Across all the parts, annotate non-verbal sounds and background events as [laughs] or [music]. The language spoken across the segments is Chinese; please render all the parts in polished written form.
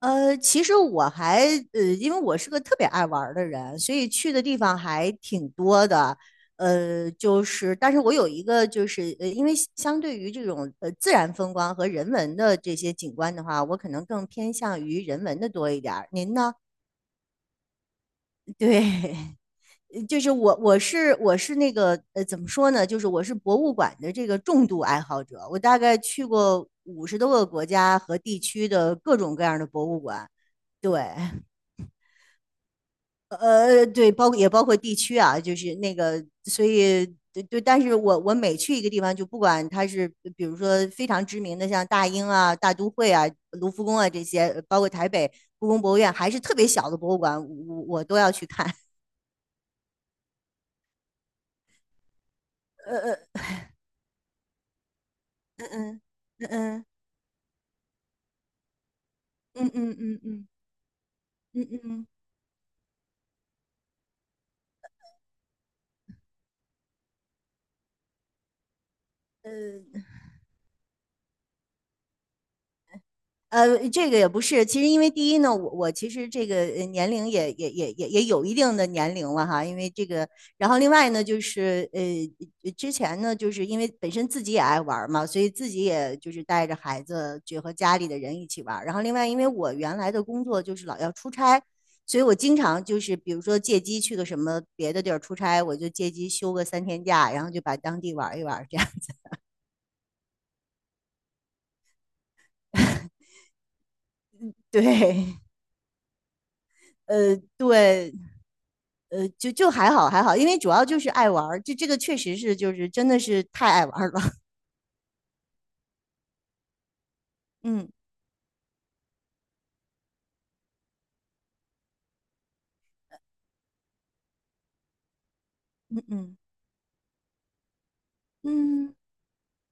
其实我还因为我是个特别爱玩儿的人，所以去的地方还挺多的。就是，但是我有一个，就是因为相对于这种自然风光和人文的这些景观的话，我可能更偏向于人文的多一点儿。您呢？对。[laughs] 就是我，我是我是那个怎么说呢？就是我是博物馆的这个重度爱好者，我大概去过50多个国家和地区的各种各样的博物馆。对。对，包括也包括地区啊，就是那个，所以对对，但是我每去一个地方，就不管它是比如说非常知名的，像大英啊、大都会啊、卢浮宫啊这些，包括台北故宫博物院，还是特别小的博物馆，我都要去看。呃呃嗯嗯嗯嗯嗯嗯嗯嗯嗯嗯，呃这个也不是，其实因为第一呢，我其实这个年龄也有一定的年龄了哈，因为这个，然后另外呢，就是之前呢，就是因为本身自己也爱玩嘛，所以自己也就是带着孩子就和家里的人一起玩，然后另外因为我原来的工作就是老要出差，所以我经常就是比如说借机去个什么别的地儿出差，我就借机休个3天假，然后就把当地玩一玩这样。 [laughs] 对。对，就还好还好，因为主要就是爱玩儿，就这个确实是就是真的是太爱玩儿了。[laughs] 嗯嗯嗯嗯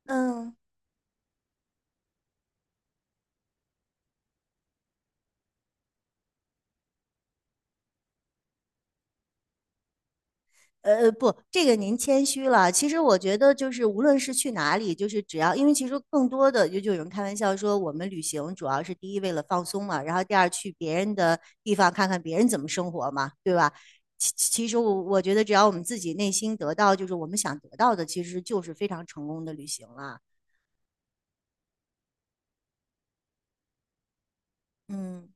嗯。不，这个您谦虚了。其实我觉得就是无论是去哪里，就是只要因为其实更多的就有人开玩笑说，我们旅行主要是第一为了放松嘛，然后第二去别人的地方看看别人怎么生活嘛，对吧？其实我觉得只要我们自己内心得到就是我们想得到的，其实就是非常成功的旅行了。嗯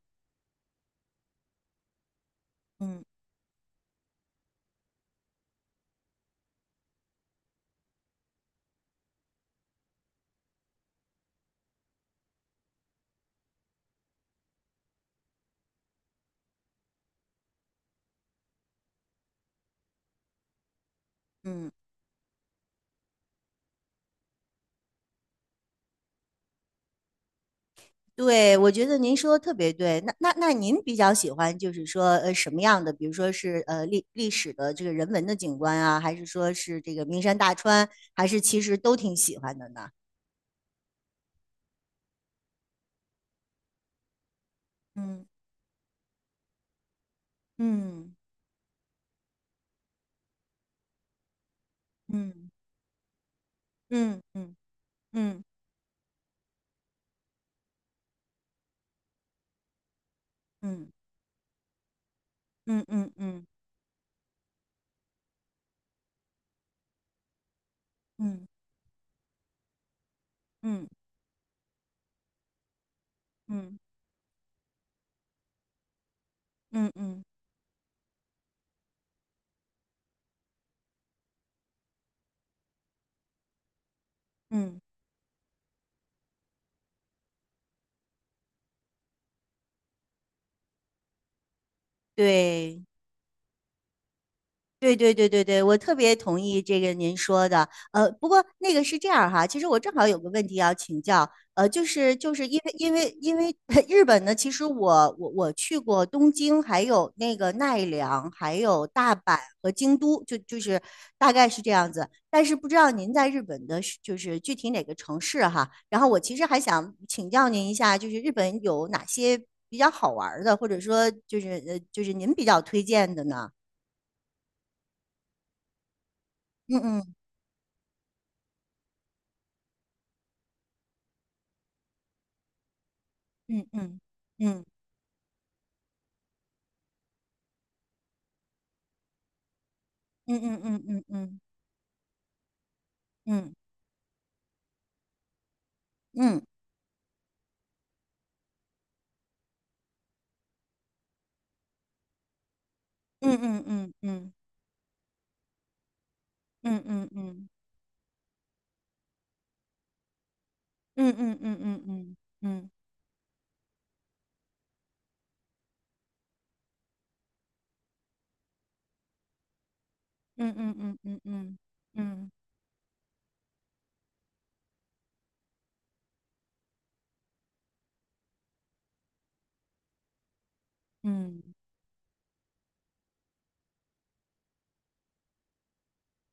嗯嗯。对，我觉得您说的特别对。那您比较喜欢就是说什么样的？比如说是历史的这个人文的景观啊，还是说是这个名山大川，还是其实都挺喜欢的呢？嗯嗯嗯嗯嗯嗯嗯嗯嗯嗯嗯嗯嗯嗯嗯，嗯对。对对对对对，我特别同意这个您说的。不过那个是这样哈，其实我正好有个问题要请教。就是因为 [laughs] 日本呢，其实我去过东京，还有那个奈良，还有大阪和京都，就是大概是这样子。但是不知道您在日本的是就是具体哪个城市哈。然后我其实还想请教您一下，就是日本有哪些比较好玩儿的，或者说就是就是您比较推荐的呢？嗯嗯嗯嗯嗯嗯嗯嗯嗯嗯嗯嗯嗯嗯嗯嗯嗯嗯嗯嗯嗯嗯嗯嗯嗯嗯嗯嗯嗯。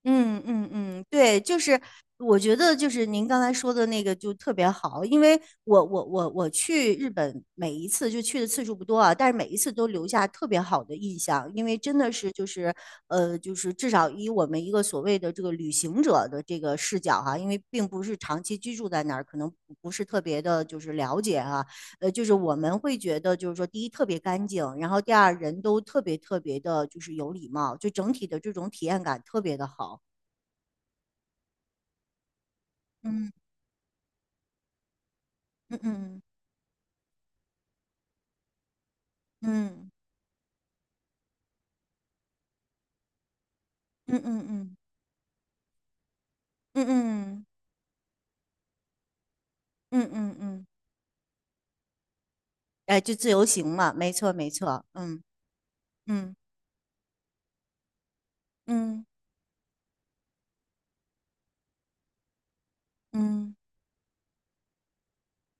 嗯嗯嗯，对，就是我觉得就是您刚才说的那个就特别好，因为我去日本每一次就去的次数不多啊，但是每一次都留下特别好的印象，因为真的是就是至少以我们一个所谓的这个旅行者的这个视角哈、因为并不是长期居住在那儿，可能不是特别的就是了解哈、就是我们会觉得就是说第一特别干净，然后第二人都特别特别的就是有礼貌，就整体的这种体验感特别的好。嗯嗯嗯嗯嗯嗯嗯嗯嗯嗯嗯。哎，就自由行嘛，没错没错。嗯嗯嗯嗯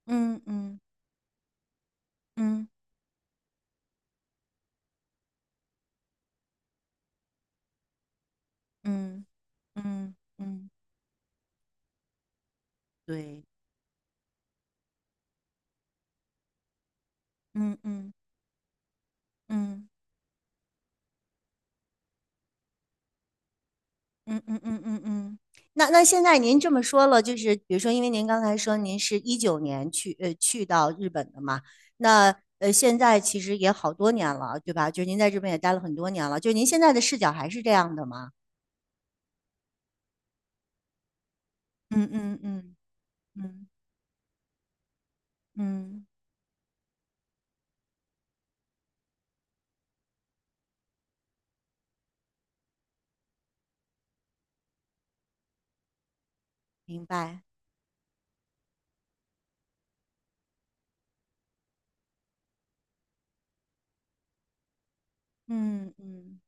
嗯嗯嗯嗯嗯嗯，对，嗯嗯嗯嗯嗯嗯嗯嗯。那现在您这么说了，就是比如说，因为您刚才说您是19年去到日本的嘛，那现在其实也好多年了，对吧？就是您在日本也待了很多年了，就是您现在的视角还是这样的吗？嗯嗯嗯嗯嗯。明白。嗯嗯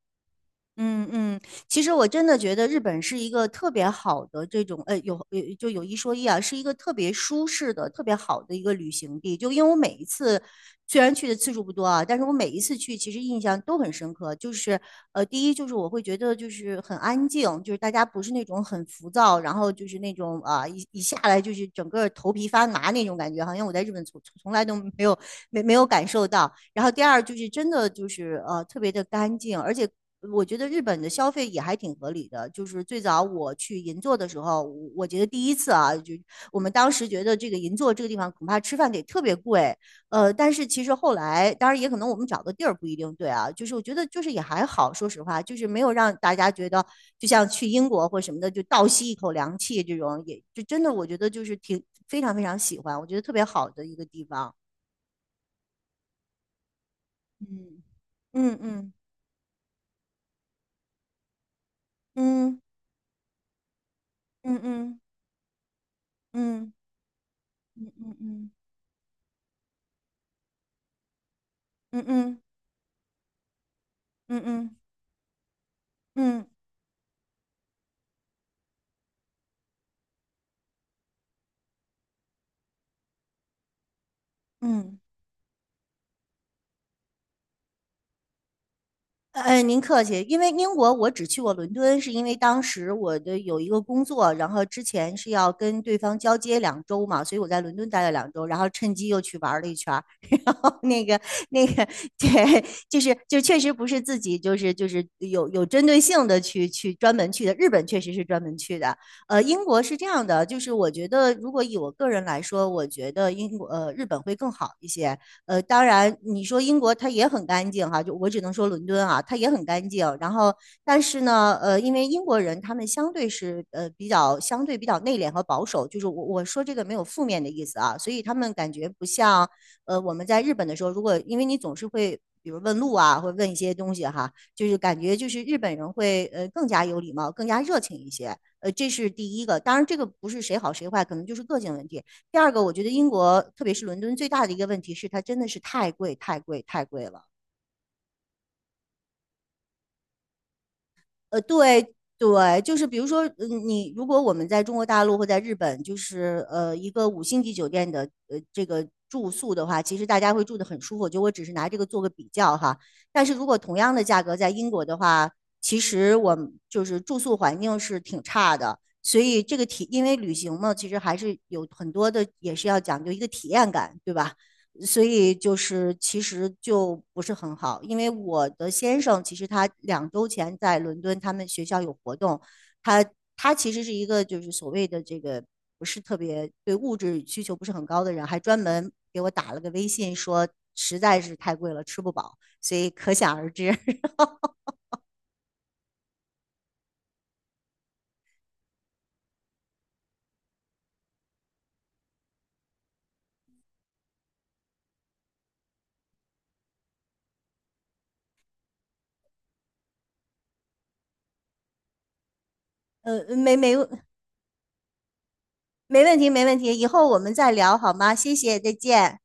嗯嗯。其实我真的觉得日本是一个特别好的这种，有就有一说一啊，是一个特别舒适的、特别好的一个旅行地。就因为我每一次虽然去的次数不多啊，但是我每一次去其实印象都很深刻。就是第一就是我会觉得就是很安静，就是大家不是那种很浮躁，然后就是那种一下来就是整个头皮发麻那种感觉，好像我在日本从来都没有感受到。然后第二就是真的就是特别的干净，而且。我觉得日本的消费也还挺合理的，就是最早我去银座的时候，我觉得第一次啊，就我们当时觉得这个银座这个地方恐怕吃饭得特别贵，但是其实后来，当然也可能我们找的地儿不一定对啊，就是我觉得就是也还好，说实话，就是没有让大家觉得就像去英国或什么的就倒吸一口凉气这种，也就真的我觉得就是挺非常非常喜欢，我觉得特别好的一个地方。嗯嗯嗯嗯嗯嗯嗯嗯嗯嗯嗯嗯嗯嗯嗯嗯嗯。您客气，因为英国我只去过伦敦，是因为当时我的有一个工作，然后之前是要跟对方交接两周嘛，所以我在伦敦待了两周，然后趁机又去玩了一圈儿，[laughs] 然后那个那个，对，就是就确实不是自己就是就是有针对性的去专门去的，日本确实是专门去的。英国是这样的，就是我觉得如果以我个人来说，我觉得英国日本会更好一些。当然你说英国它也很干净哈，就我只能说伦敦啊，它也很干净。然后，但是呢，因为英国人他们相对是比较相对比较内敛和保守，就是我说这个没有负面的意思啊，所以他们感觉不像我们在日本的时候，如果因为你总是会。比如问路啊，或者问一些东西哈，就是感觉就是日本人会更加有礼貌，更加热情一些。这是第一个。当然，这个不是谁好谁坏，可能就是个性问题。第二个，我觉得英国，特别是伦敦，最大的一个问题是它真的是太贵，太贵，太贵了。对对，就是比如说，嗯，你如果我们在中国大陆或在日本，就是一个五星级酒店的这个住宿的话，其实大家会住得很舒服。就我只是拿这个做个比较哈。但是如果同样的价格在英国的话，其实我们就是住宿环境是挺差的。所以这个体，因为旅行嘛，其实还是有很多的，也是要讲究一个体验感，对吧？所以就是其实就不是很好，因为我的先生其实他2周前在伦敦，他们学校有活动，他他其实是一个就是所谓的这个不是特别对物质需求不是很高的人，还专门给我打了个微信说实在是太贵了，吃不饱，所以可想而知。[laughs] 呃，没没没问题没问题，以后我们再聊好吗？谢谢，再见。